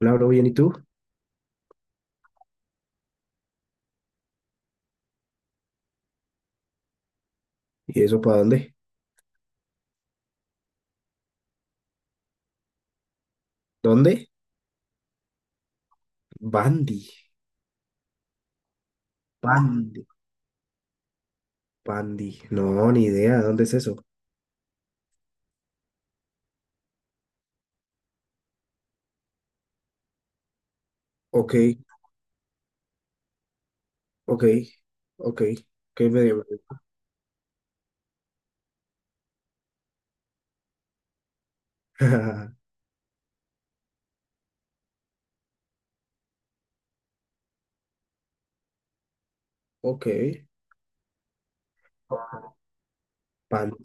Hola, bro, bien, ¿y tú? ¿Y eso para dónde? ¿Dónde? Bandy, Bandy, Bandy. No, ni idea, ¿dónde es eso? Ok, ok, ok, ok, medio. Ok, Bandy.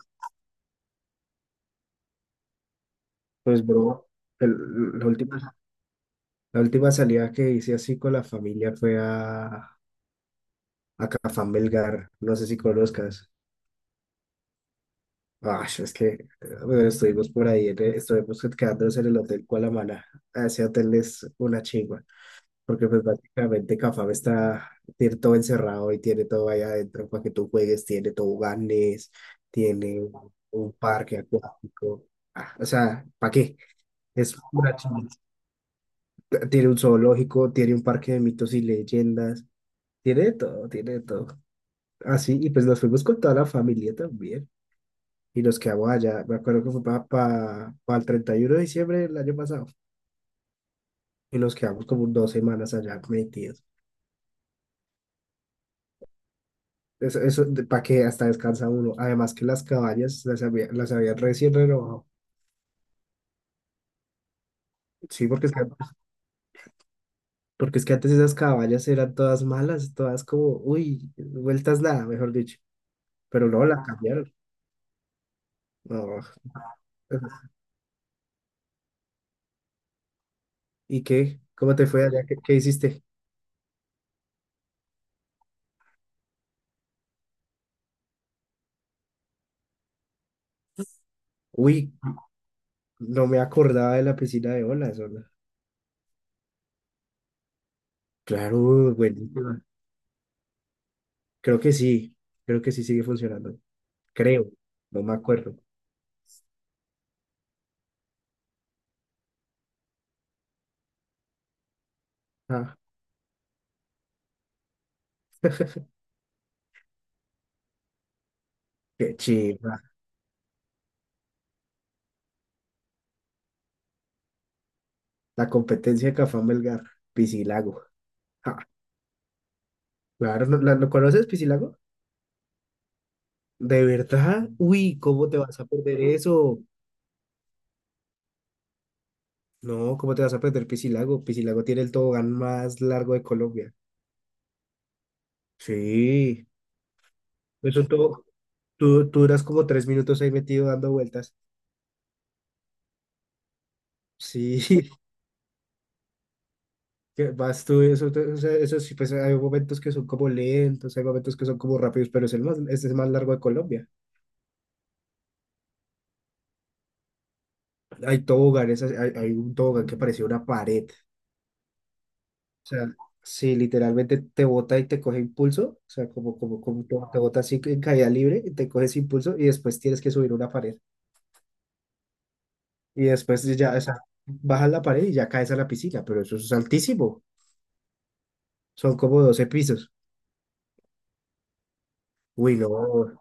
Pues, bro, el- la última, la última salida que hice así con la familia fue a Cafán Belgar, no sé si conozcas. Ah, es que bueno, estuvimos por ahí, en estuvimos quedándonos en el Hotel Cualamana. Ese hotel es una chingua. Porque pues básicamente Cafam está, tiene todo encerrado y tiene todo allá adentro para que tú juegues, tiene toboganes, tiene un parque acuático. Ah, o sea, ¿para qué? Es pura chimba. Tiene un zoológico, tiene un parque de mitos y leyendas, tiene de todo, tiene de todo. Así, y pues nos fuimos con toda la familia también. Y nos quedamos allá, me acuerdo que fue para el 31 de diciembre del año pasado. Y nos quedamos como 2 semanas allá metidos. Eso para que hasta descansa uno. Además, que las caballas las había, las habían recién renovado. Sí, porque es que, antes esas caballas eran todas malas, todas como, uy, vueltas nada, mejor dicho. Pero no, la cambiaron. No. ¿Y qué? ¿Cómo te fue allá? ¿Qué hiciste? Uy, no me acordaba de la piscina de olas, hola. Claro, buenísima. Creo que sí, creo que sí sigue funcionando. Creo, no me acuerdo. Ah, qué chiva. La competencia de Cafán Melgar, Piscilago. Ah, claro, ¿lo conoces, Piscilago? ¿De verdad? Uy, ¿cómo te vas a perder eso? No, ¿cómo te vas a perder Piscilago? Piscilago tiene el tobogán más largo de Colombia. Sí, eso todo, tú duras como 3 minutos ahí metido dando vueltas. Sí, que vas tú, eso, o sea, eso sí, pues hay momentos que son como lentos, hay momentos que son como rápidos, pero es el más largo de Colombia. Hay toboganes, hay un tobogán que parecía una pared. O sea, si literalmente te bota y te coge impulso, o sea, como te bota así en caída libre, y te coges impulso y después tienes que subir una pared. Y después ya, o sea, bajas la pared y ya caes a la piscina, pero eso es altísimo. Son como 12 pisos. Uy, no,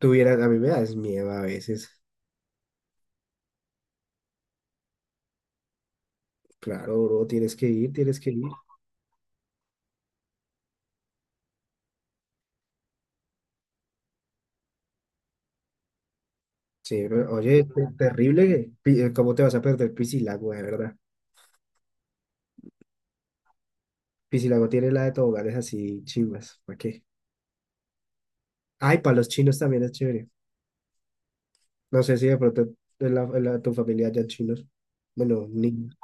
tuvieras, a mí me das miedo a veces. Claro, bro, tienes que ir, tienes que ir. Sí, pero, oye, terrible, ¿cómo te vas a perder Piscilago, de verdad? Piscilago tiene la de toboganes así chimbas, ¿para qué? Ay, para los chinos también es chévere. No sé si de pronto tu familia ya chinos. Bueno, niños.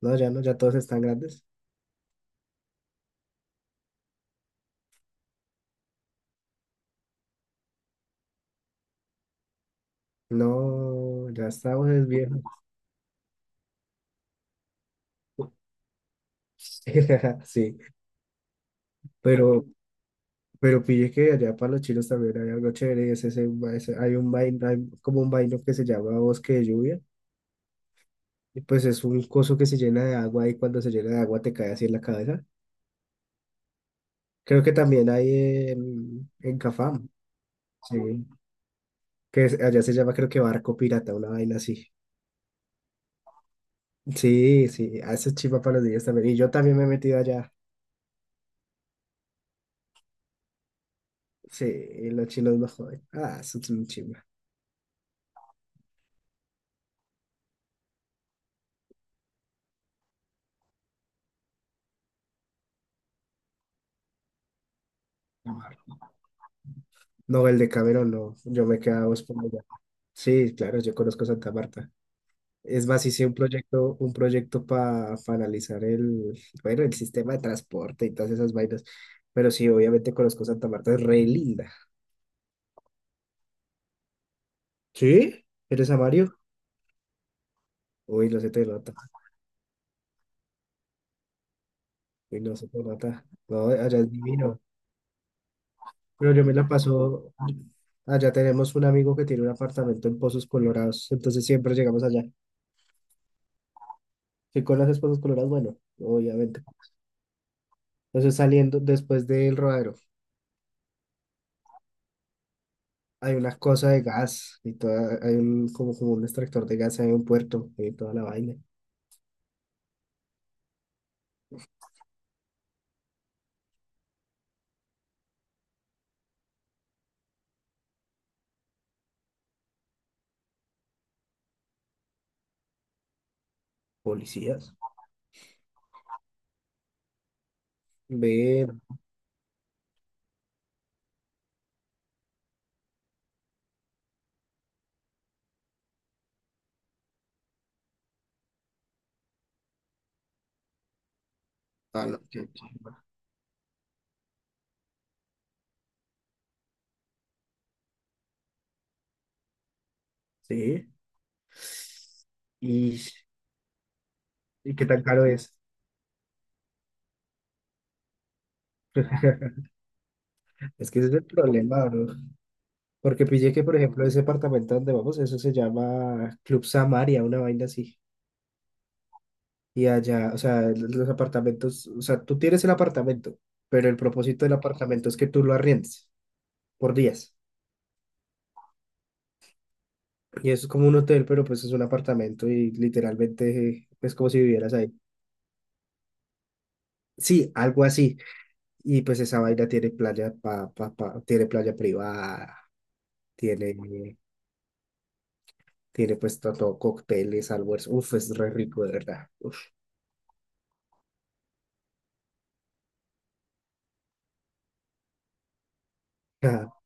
No, ya no, ya todos están grandes. No, ya estamos es viejos. Sí, pero, pero pille que allá para los chinos también hay algo chévere. Y es hay como un vaino que se llama bosque de lluvia. Y pues es un coso que se llena de agua y cuando se llena de agua te cae así en la cabeza. Creo que también hay en Cafam, sí, que allá se llama creo que barco pirata, una vaina así. Sí, sí, a eso es chiva para los días también. Y yo también me he metido allá. Sí, y los chinos no joden. Ah, eso es muy chiva. No, el de Cameron no. Yo me quedaba por allá. Sí, claro, yo conozco Santa Marta. Es más, hice un proyecto para analizar el, bueno, el sistema de transporte y todas esas vainas. Pero sí, obviamente conozco Santa Marta, es re linda. ¿Sí? ¿Eres a Mario? Uy, no se te nota. Uy, no se te nota. No, allá es divino. Pero yo me la paso, allá tenemos un amigo que tiene un apartamento en Pozos Colorados, entonces siempre llegamos allá. ¿Qué conoces Pozos Colorados? Bueno, obviamente. Entonces, saliendo después del rodadero, hay una cosa de gas y toda, hay un, como un extractor de gas, hay un puerto y toda la vaina. Policías. Ve, a la- que- sí. ¿Y, y qué tan caro es? Es que ese es el problema, bro. Porque pillé que, por ejemplo, ese apartamento donde vamos, eso se llama Club Samaria, una vaina así. Y allá, o sea, los apartamentos, o sea, tú tienes el apartamento, pero el propósito del apartamento es que tú lo arriendes por días. Y eso es como un hotel, pero pues es un apartamento y literalmente es como si vivieras ahí. Sí, algo así. Y pues esa vaina tiene playa tiene playa privada, tiene, tiene pues todo, cócteles, almuerzo. Uf, es re rico, de verdad. Uf, ah,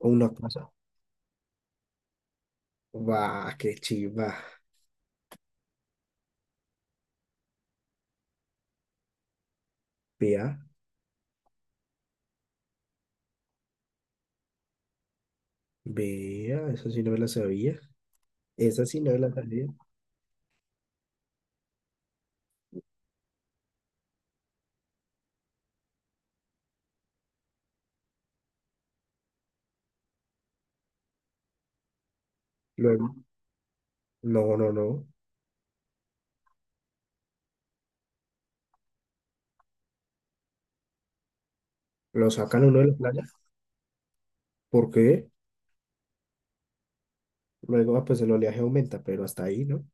una cosa. Guau, qué chiva. Vea, vea, eso sí no me la sabía. Esa sí no me la sabía. Luego, no, no, no. Lo sacan a uno de la playa. ¿Por qué? Luego, ah, pues el oleaje aumenta, pero hasta ahí, ¿no?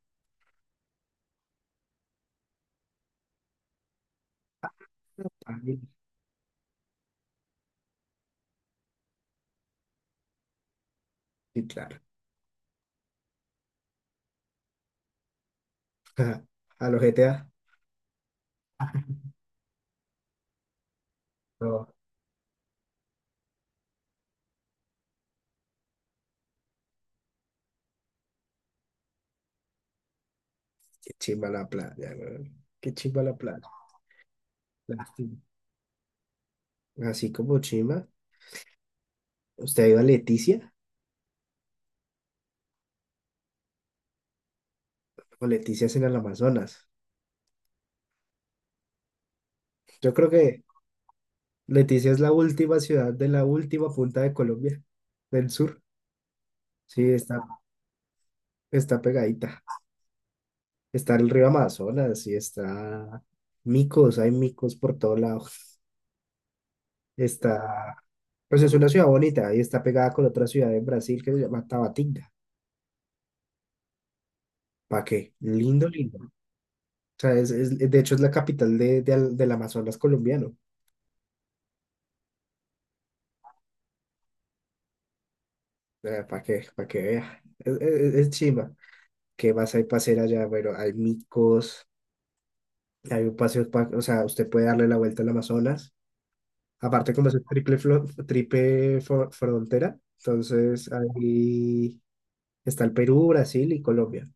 Ah, sí, sí, claro. A los GTA. No, qué chimba la playa, weón. Qué chimba la playa. Lástima. Así como chimba, ¿usted ha ido a Leticia? O Leticia es en el Amazonas. Yo creo que Leticia es la última ciudad de la última punta de Colombia, del sur. Sí, está pegadita. Está el río Amazonas y está micos, hay micos por todo lado. Está, pues es una ciudad bonita y está pegada con otra ciudad en Brasil que se llama Tabatinga. ¿Para qué? Lindo, lindo. O sea, de hecho es la capital del Amazonas colombiano. ¿Para qué? Para que vea. Es chimba. ¿Qué más hay para hacer allá? Bueno, hay micos, hay un paseo, o sea, usted puede darle la vuelta al Amazonas. Aparte, como es triple, triple frontera, entonces ahí está el Perú, Brasil y Colombia.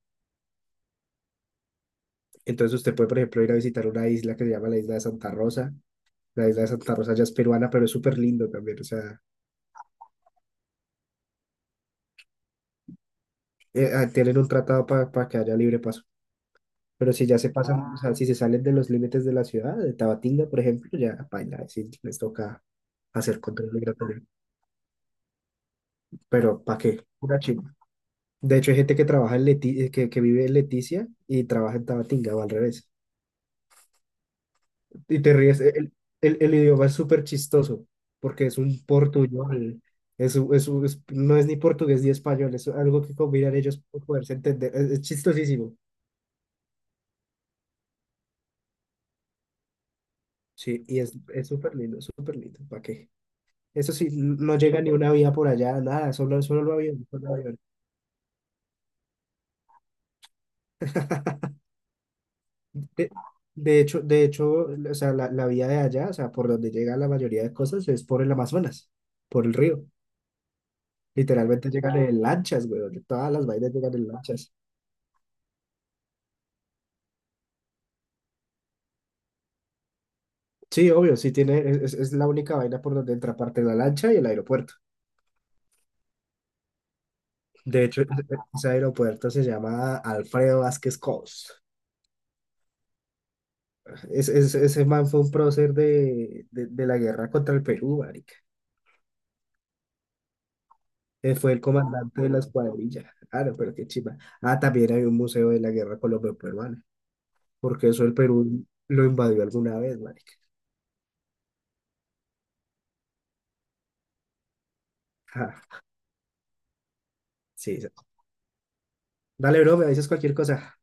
Entonces usted puede, por ejemplo, ir a visitar una isla que se llama la isla de Santa Rosa. La isla de Santa Rosa ya es peruana, pero es súper lindo también. O sea, ah, tienen un tratado para que haya libre paso. Pero si ya se pasan, o sea, si se salen de los límites de la ciudad, de Tabatinga, por ejemplo, ya, paila, sí, les toca hacer control migratorio. Pero, ¿para qué? Una chi- De hecho, hay gente que trabaja en que vive en Leticia y trabaja en Tabatinga o al revés. Y te ríes, el idioma es súper chistoso porque es un portuñol, no es ni portugués ni español, es algo que combinan ellos para poderse entender. Es chistosísimo. Sí, y es súper lindo, súper lindo. ¿Para qué? Eso sí, no llega ni una vía por allá, nada, solo el avión, solo el avión. De, de hecho, o sea, la vía de allá, o sea, por donde llega la mayoría de cosas es por el Amazonas, por el río. Literalmente llegan en lanchas, güey. De Todas las vainas llegan en lanchas. Sí, obvio, sí tiene, es la única vaina por donde entra aparte la lancha y el aeropuerto. De hecho, ese aeropuerto se llama Alfredo Vázquez Cos. Ese man fue un prócer de la guerra contra el Perú, marica. Fue el comandante de la escuadrilla. Ah, no, pero qué chimba. Ah, también hay un museo de la guerra colombo-peruana, porque eso el Perú lo invadió alguna vez, marica. Ah, sí, sí. Dale, bro, me dices cualquier cosa.